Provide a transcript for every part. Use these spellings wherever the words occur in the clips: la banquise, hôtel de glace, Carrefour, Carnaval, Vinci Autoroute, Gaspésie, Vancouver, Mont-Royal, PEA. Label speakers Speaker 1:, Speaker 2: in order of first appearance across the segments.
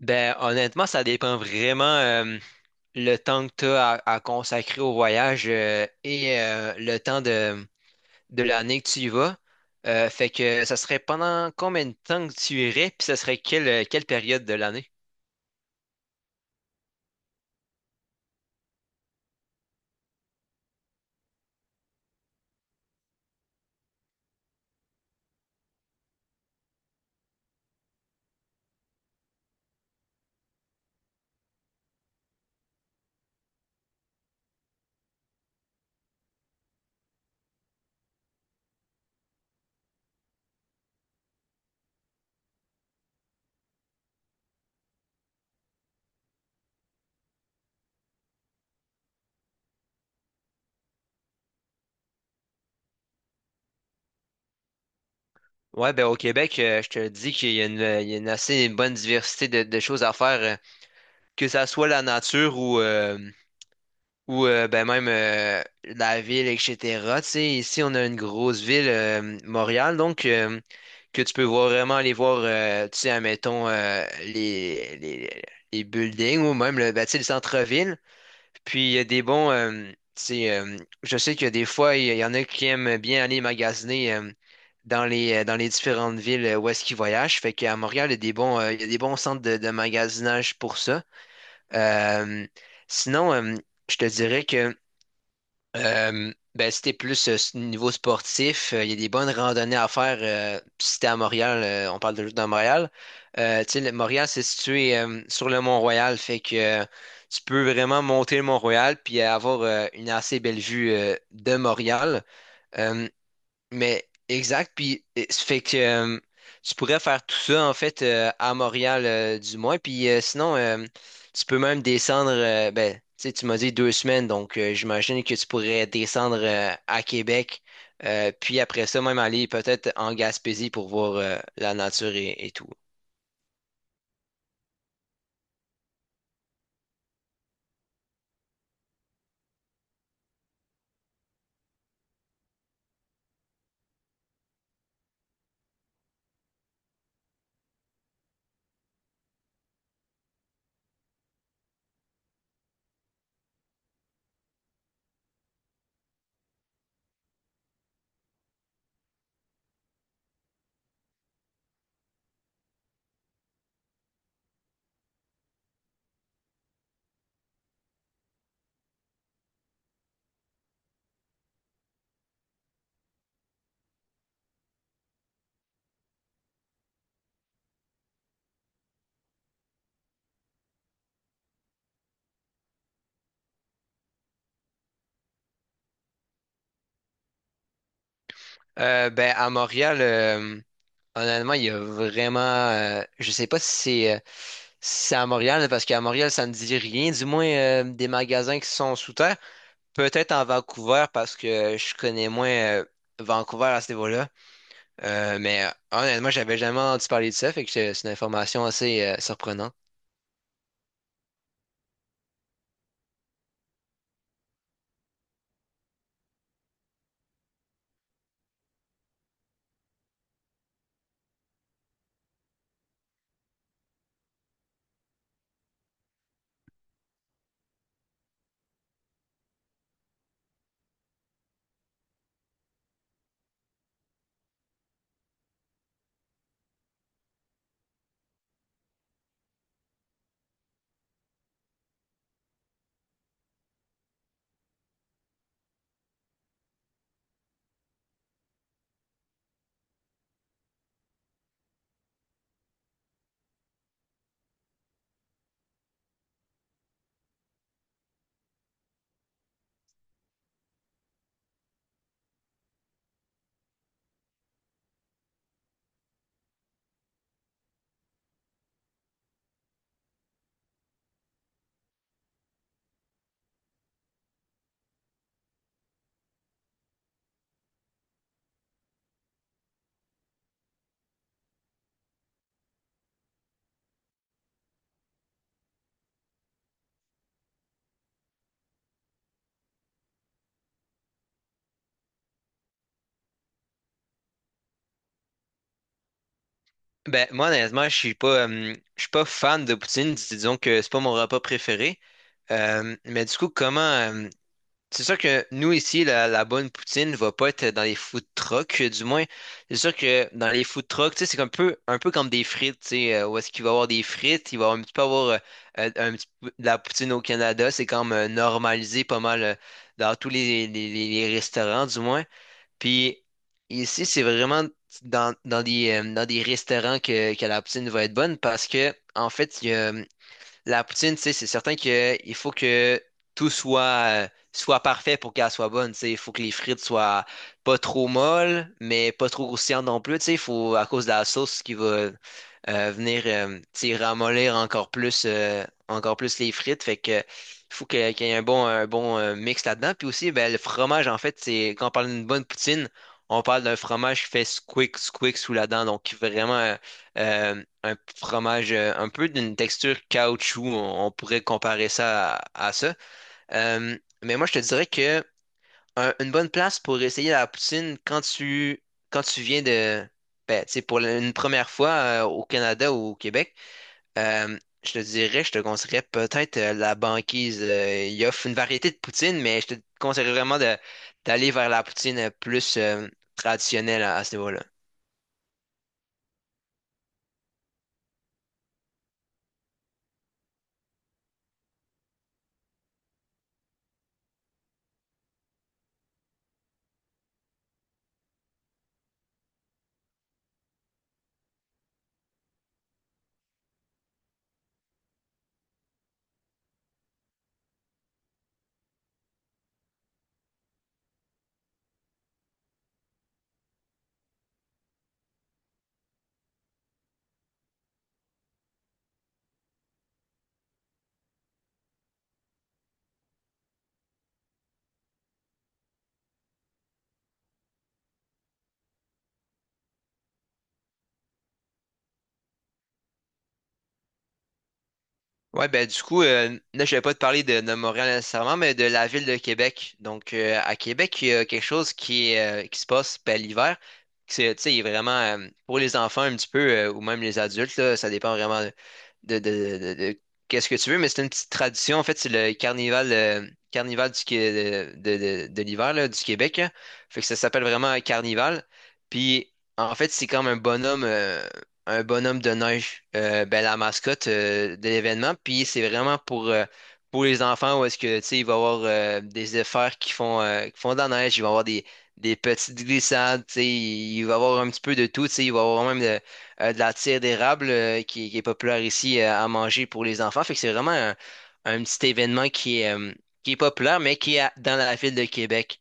Speaker 1: Ben, honnêtement, ça dépend vraiment le temps que tu as à consacrer au voyage et le temps de l'année que tu y vas. Fait que ça serait pendant combien de temps que tu irais, puis ça serait quelle période de l'année? Ouais, ben au Québec, je te dis qu'il y a une, il y a une assez bonne diversité de choses à faire, que ça soit la nature ou ben même la ville, etc. Tu sais, ici, on a une grosse ville, Montréal, donc que tu peux voir vraiment aller voir, tu sais, admettons, les buildings ou même ben, tu sais, le centre-ville. Puis il y a des bons, tu sais, je sais que des fois, il y en a qui aiment bien aller magasiner dans les différentes villes où est-ce qu'ils voyagent. Fait qu'à Montréal, il y a des bons, il y a des bons centres de magasinage pour ça. Euh, sinon, je te dirais que... Ben, si t'es plus niveau sportif, il y a des bonnes randonnées à faire. Si t'es à Montréal, on parle de juste dans Montréal. Tu sais, Montréal, c'est situé sur le Mont-Royal, fait que tu peux vraiment monter le Mont-Royal puis avoir une assez belle vue de Montréal. Euh, mais exact, puis ça fait que tu pourrais faire tout ça en fait à Montréal du moins, puis sinon tu peux même descendre, ben tu sais tu m'as dit deux semaines, donc j'imagine que tu pourrais descendre à Québec, puis après ça même aller peut-être en Gaspésie pour voir la nature et tout. Ben à Montréal, honnêtement il y a vraiment, je sais pas si c'est si c'est à Montréal, parce qu'à Montréal, ça ne dit rien, du moins des magasins qui sont sous terre. Peut-être en Vancouver parce que je connais moins Vancouver à ce niveau-là. Mais honnêtement, j'avais jamais entendu parler de ça, fait que c'est une information assez surprenante. Ben, moi, honnêtement, je suis pas fan de poutine. Disons que c'est pas mon repas préféré. Euh, mais du coup, comment, euh, C'est sûr que nous ici, la bonne poutine va pas être dans les food trucks, du moins. C'est sûr que dans les food trucks, tu sais, c'est un peu comme des frites, tu sais, où est-ce qu'il va y avoir des frites, il va un petit peu avoir un petit peu de la poutine au Canada, c'est comme normalisé pas mal dans tous les restaurants, du moins. Puis ici, c'est vraiment dans des restaurants que la poutine va être bonne parce que, en fait, il y a, la poutine, tu sais, c'est certain que il faut que tout soit parfait pour qu'elle soit bonne. Tu sais, il faut que les frites soient pas trop molles, mais pas trop croustillantes non plus. Tu sais, il faut, à cause de la sauce qui va venir, tu sais, ramollir encore plus les frites. Fait que, il qu'il y ait un bon mix là-dedans. Puis aussi, ben, le fromage, en fait, c'est, quand on parle d'une bonne poutine, on parle d'un fromage qui fait squick, squick sous la dent. Donc, vraiment, un fromage un peu d'une texture caoutchouc, on pourrait comparer ça à ça. Mais moi, je te dirais que une bonne place pour essayer la poutine quand tu viens de, ben, tu sais, pour une première fois au Canada ou au Québec, je te dirais, je te conseillerais peut-être la banquise. Il offre une variété de poutine, mais je te conseillerais vraiment d'aller vers la poutine plus traditionnelle à ce niveau-là. Ouais, ben du coup, là, je vais pas te parler de Montréal nécessairement, mais de la ville de Québec. Donc, à Québec, il y a quelque chose qui qui se passe ben, l'hiver. C'est, tu sais, il est vraiment pour les enfants un petit peu, ou même les adultes, là, ça dépend vraiment de qu'est-ce que tu veux, mais c'est une petite tradition. En fait, c'est le carnival, carnival du, Qué- de l'hiver là, du Québec. Là. Fait que ça s'appelle vraiment un carnival. Puis, en fait, c'est comme un bonhomme. Un bonhomme de neige, ben, la mascotte de l'événement. Puis c'est vraiment pour les enfants où est-ce que tu sais, il va y avoir des efforts qui font de la neige, il va y avoir des petites glissades, tu sais, il va y avoir un petit peu de tout, tu sais, il va y avoir même de la tire d'érable qui est populaire ici à manger pour les enfants. Fait que c'est vraiment un petit événement qui est populaire, mais qui est dans la ville de Québec.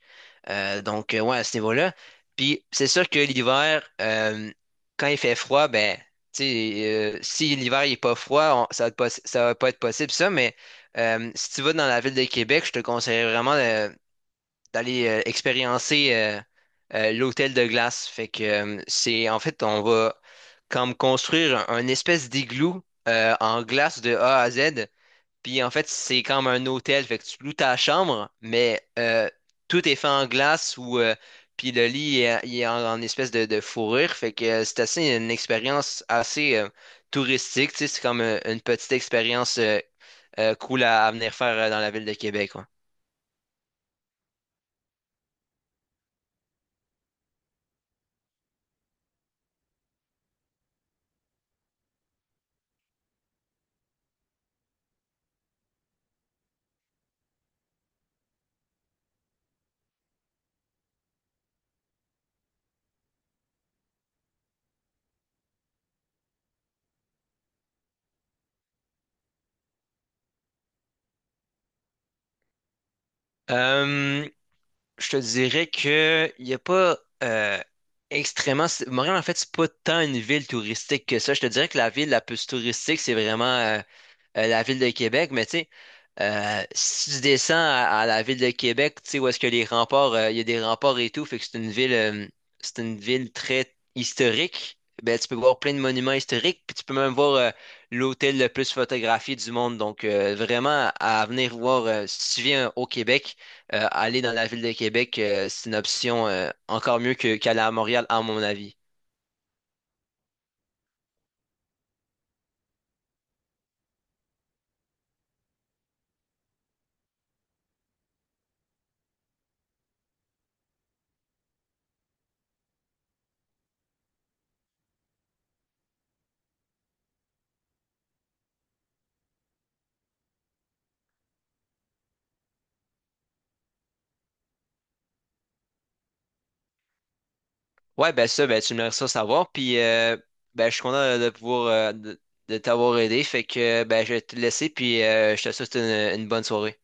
Speaker 1: Donc, ouais, à ce niveau-là. Puis c'est sûr que l'hiver, quand il fait froid, ben, tu sais, si l'hiver il est pas froid, ça va être ça va pas être possible ça, mais si tu vas dans la ville de Québec, je te conseille vraiment d'aller expériencer l'hôtel de glace. Fait que c'est en fait on va comme construire un espèce d'igloo en glace de A à Z. Puis en fait, c'est comme un hôtel, fait que tu loues ta chambre, mais tout est fait en glace ou puis le lit est, il est en espèce de fourrure, fait que c'est assez une expérience assez touristique, tu sais, c'est comme une petite expérience cool à venir faire dans la ville de Québec, ouais. Euh, je te dirais que il y a pas euh, extrêmement Montréal en fait c'est pas tant une ville touristique que ça. Je te dirais que la ville la plus touristique c'est vraiment la ville de Québec, mais tu sais. Si tu descends à la ville de Québec, tu sais, où est-ce que les remparts, il y a des remparts et tout, fait que c'est une ville très historique. Ben, tu peux voir plein de monuments historiques, puis tu peux même voir l'hôtel le plus photographié du monde. Donc, vraiment, à venir voir, si tu viens au Québec, aller dans la ville de Québec, c'est une option encore mieux qu'aller à Montréal, à mon avis. Ouais, ben ça, ben tu me laisseras savoir. Puis ben, je suis content de pouvoir de t'avoir aidé. Fait que ben je vais te laisser, puis je te souhaite une bonne soirée.